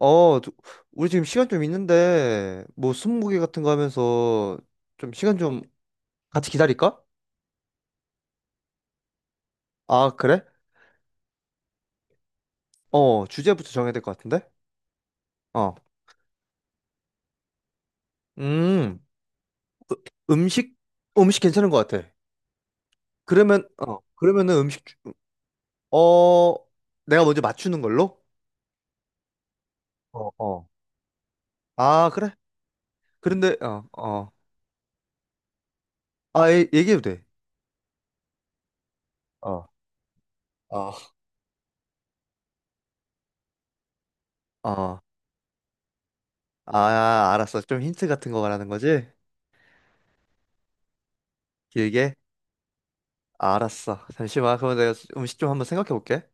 어, 저- 우리 지금 시간 좀 있는데, 뭐, 스무고개 같은 거 하면서 좀 시간 좀 같이 기다릴까? 아, 그래? 주제부터 정해야 될 것 같은데? 어, 음, 으- 음식? 음식 괜찮은 것 같아. 그러면, 그러면은 음식, 어, 내가 먼저 맞추는 걸로? 어, 어. 아, 그래? 그런데, 어, 어. 아, 얘기해도 돼. 어, 어, 어, 아, 알았어. 좀 힌트 같은 거 말하는 거지? 길게? 아, 알았어. 잠시만. 그러면 내가 음식 좀 한번 생각해 볼게.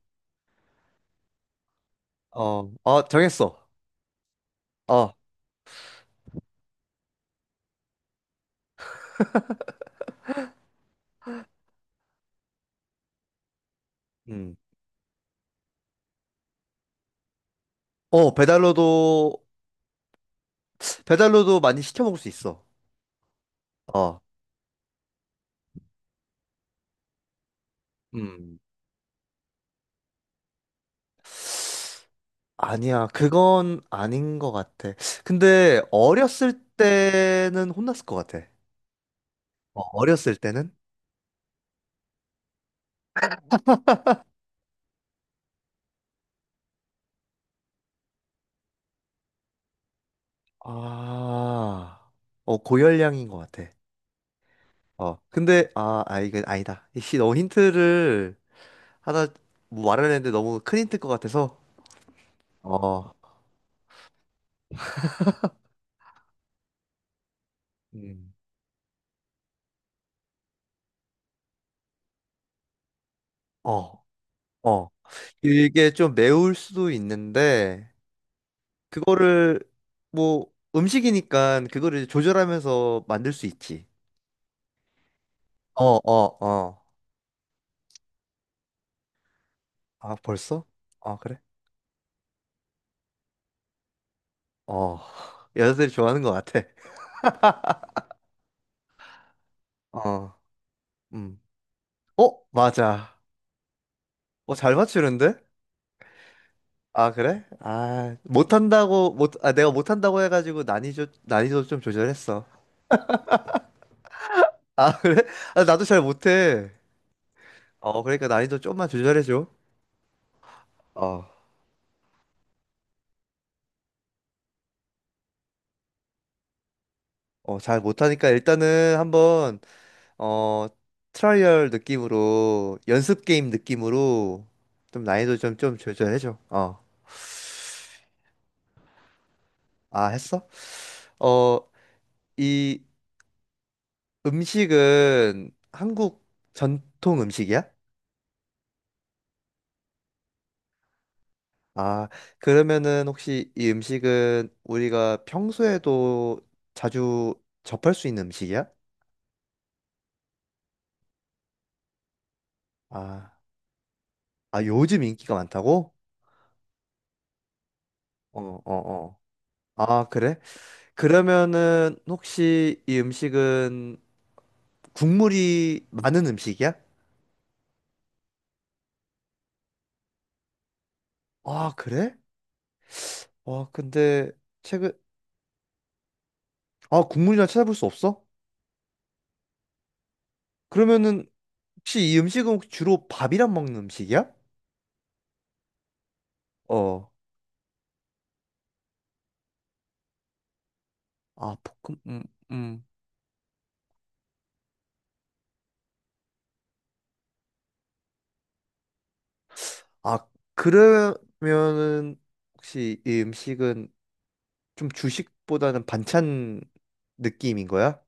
어, 어, 정했어. 어, 음. 어, 배달로도, 배달로도 많이 시켜 먹을 수 있어. 어, 음. 아니야. 그건 아닌 것 같아. 근데 어렸을 때는 혼났을 것 같아. 어렸을 때는? 아, 고열량인 것 같아. 근데, 아, 아, 이거 아니다. 이씨, 너무 힌트를 하나 뭐 말하려 했는데 너무 큰 힌트일 것 같아서. 어, 음. 어, 어. 이게 좀 매울 수도 있는데, 그거를, 뭐, 음식이니까 그거를 조절하면서 만들 수 있지. 어, 어, 어. 아, 벌써? 아, 그래? 어. 여자들이 좋아하는 것 같아. 어, 음. 어, 맞아. 잘 맞추는데? 아, 그래? 아, 내가 못한다고 해가지고 난이도 좀 조절했어. 아, 그래? 아, 나도 잘 못해. 그러니까 난이도 좀만 조절해줘. 어. 잘 못하니까 일단은 한번 어 트라이얼 느낌으로 연습 게임 느낌으로 좀 난이도 좀 조절해줘. 어, 아 했어? 어, 이 음식은 한국 전통 음식이야? 아, 그러면은 혹시 이 음식은 우리가 평소에도 자주 접할 수 있는 음식이야? 아, 아 요즘 인기가 많다고? 어, 어, 어. 아, 그래? 그러면은 혹시 이 음식은 국물이 많은 음식이야? 아, 그래? 아, 근데 최근 아, 국물이나 찾아볼 수 없어? 그러면은 혹시 이 음식은 혹시 주로 밥이랑 먹는 음식이야? 어. 아, 볶음 음. 아, 그러면은 혹시 이 음식은 좀 주식보다는 반찬 느낌인 거야?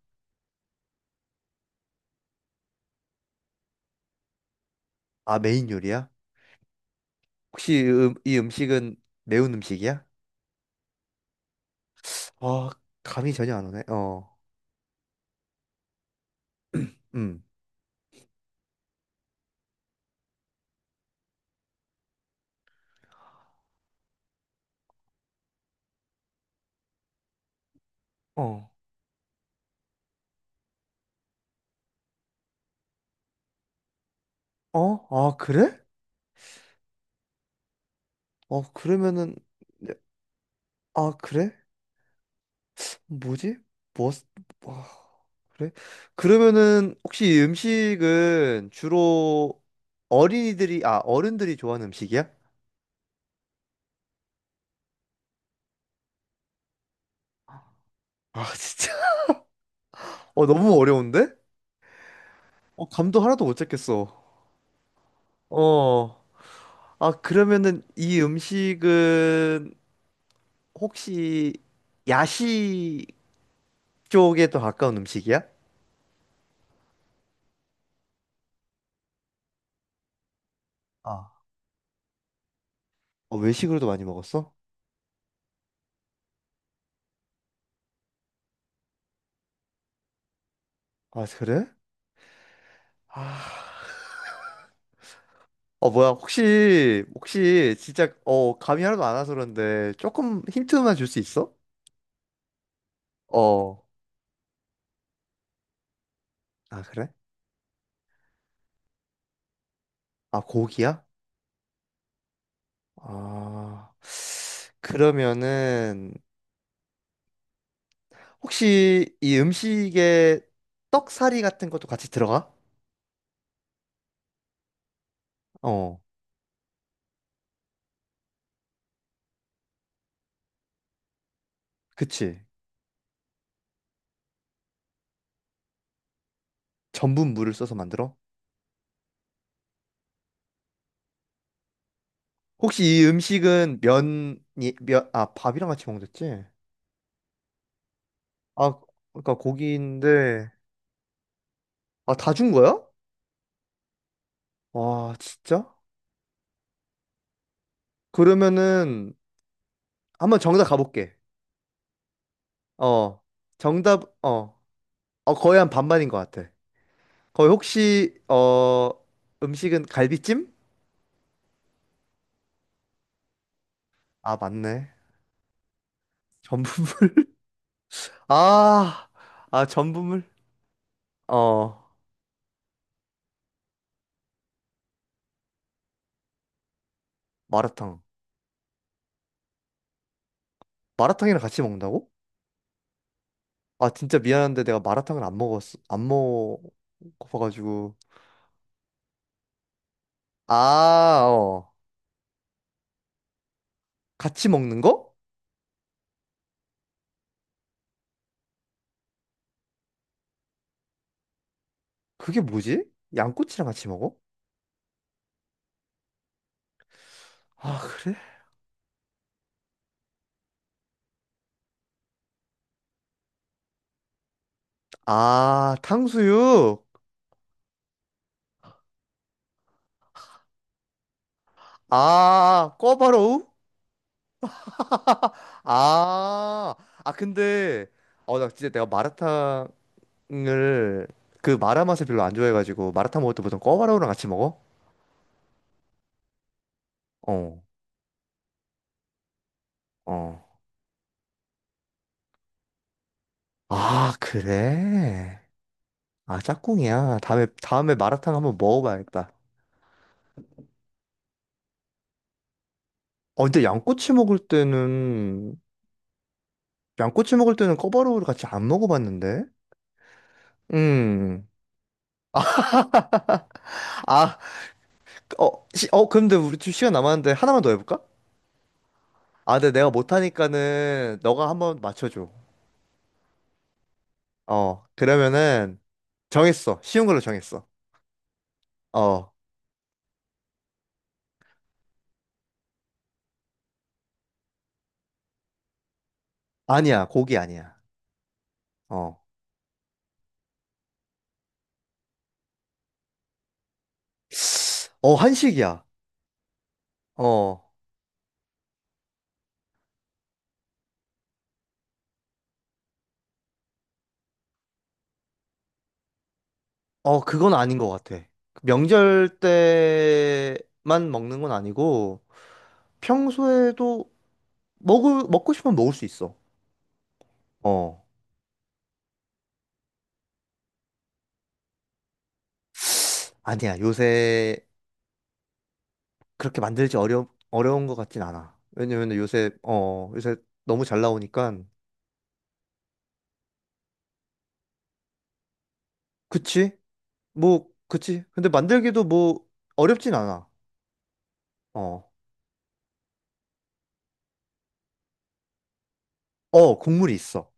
아, 메인 요리야? 혹시 이 음식은 매운 음식이야? 아, 감이 전혀 안 오네. 어. 음. 어. 어? 아, 그래? 그러면은, 네, 아, 그래? 뭐지? 뭐, 와, 그래? 그러면은, 혹시 이 음식은 주로 어른들이 좋아하는 음식이야? 아, 진짜. 너무 어려운데? 감도 하나도 못 잡겠어. 어, 아, 그러면은 이 음식은 혹시 야식 쪽에 더 가까운 음식이야? 아. 외식으로도 많이 먹었어? 아, 그래? 아. 뭐야, 혹시, 진짜, 감이 하나도 안 와서 그런데, 조금 힌트만 줄 수 있어? 어, 아, 그래? 아, 고기야? 아, 그러면은, 혹시 이 음식에 떡사리 같은 것도 같이 들어가? 어, 그치. 전분 물을 써서 만들어? 혹시 이 음식은 아, 밥이랑 같이 먹었지? 아, 그러니까 고기인데, 아, 다 준 거야? 와, 진짜? 그러면은, 한번 정답 가볼게. 어, 정답, 거의 한 반반인 것 같아. 거의 혹시, 음식은 갈비찜? 아, 맞네. 전분물. 아, 아, 전분물. 어, 마라탕. 마라탕이랑 같이 먹는다고? 아, 진짜 미안한데 내가 마라탕을 안 먹었어. 안 먹어가지고. 아, 어. 같이 먹는 거? 그게 뭐지? 양꼬치랑 같이 먹어? 아, 그래? 아, 탕수육. 아, 꿔바로우? 아, 아, 근데, 나 진짜 내가 마라탕을, 그 마라 맛을 별로 안 좋아해가지고, 마라탕 먹을 때 보통 꿔바로우랑 같이 먹어? 어, 어. 아, 그래? 아, 짝꿍이야. 다음에 마라탕 한번 먹어봐야겠다. 근데 양꼬치 먹을 때는 꿔바로우를 같이 안 먹어봤는데? 음. 아, 근데 우리 좀 시간 남았는데 하나만 더 해볼까? 아, 근데 내가 못하니까는 너가 한번 맞춰줘. 그러면은 정했어. 쉬운 걸로 정했어. 어, 아니야. 고기 아니야. 어, 어, 한식이야. 어, 어, 그건 아닌 것 같아. 명절 때만 먹는 건 아니고 평소에도 먹고 싶으면 먹을 수 있어. 어, 아니야. 요새 그렇게 만들지 어려운 것 같진 않아. 왜냐면 요새 너무 잘 나오니까. 그치? 뭐, 그치? 근데 만들기도 뭐 어렵진 않아. 어. 국물이 있어.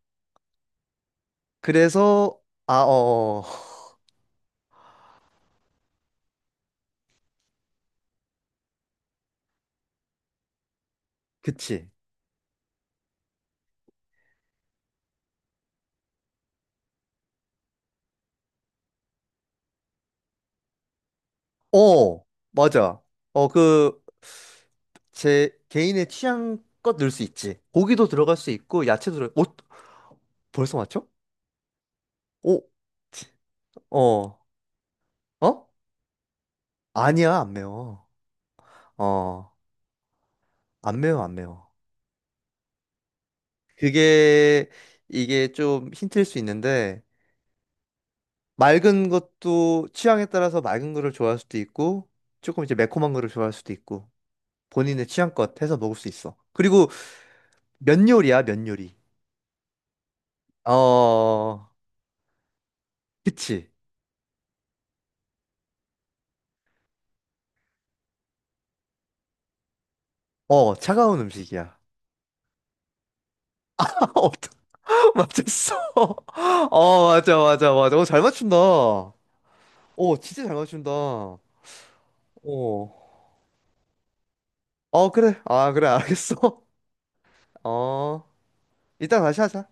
그래서, 아, 그치. 어, 맞아. 어, 그, 제 개인의 취향껏 넣을 수 있지. 고기도 들어갈 수 있고, 야채도 벌써 맞죠? 오, 치- 어, 어? 아니야, 안 매워. 어, 안 매워, 안 매워. 그게, 이게 좀 힌트일 수 있는데, 맑은 것도 취향에 따라서 맑은 거를 좋아할 수도 있고, 조금 이제 매콤한 거를 좋아할 수도 있고. 본인의 취향껏 해서 먹을 수 있어. 그리고 면 요리야, 면 요리. 어, 그치. 차가운 음식이야. 어떻게 맞췄어? 어, 맞아, 맞아, 맞아. 잘 맞춘다. 진짜 잘 맞춘다. 어. 어, 그래. 아, 그래, 알겠어. 어, 이따 다시 하자.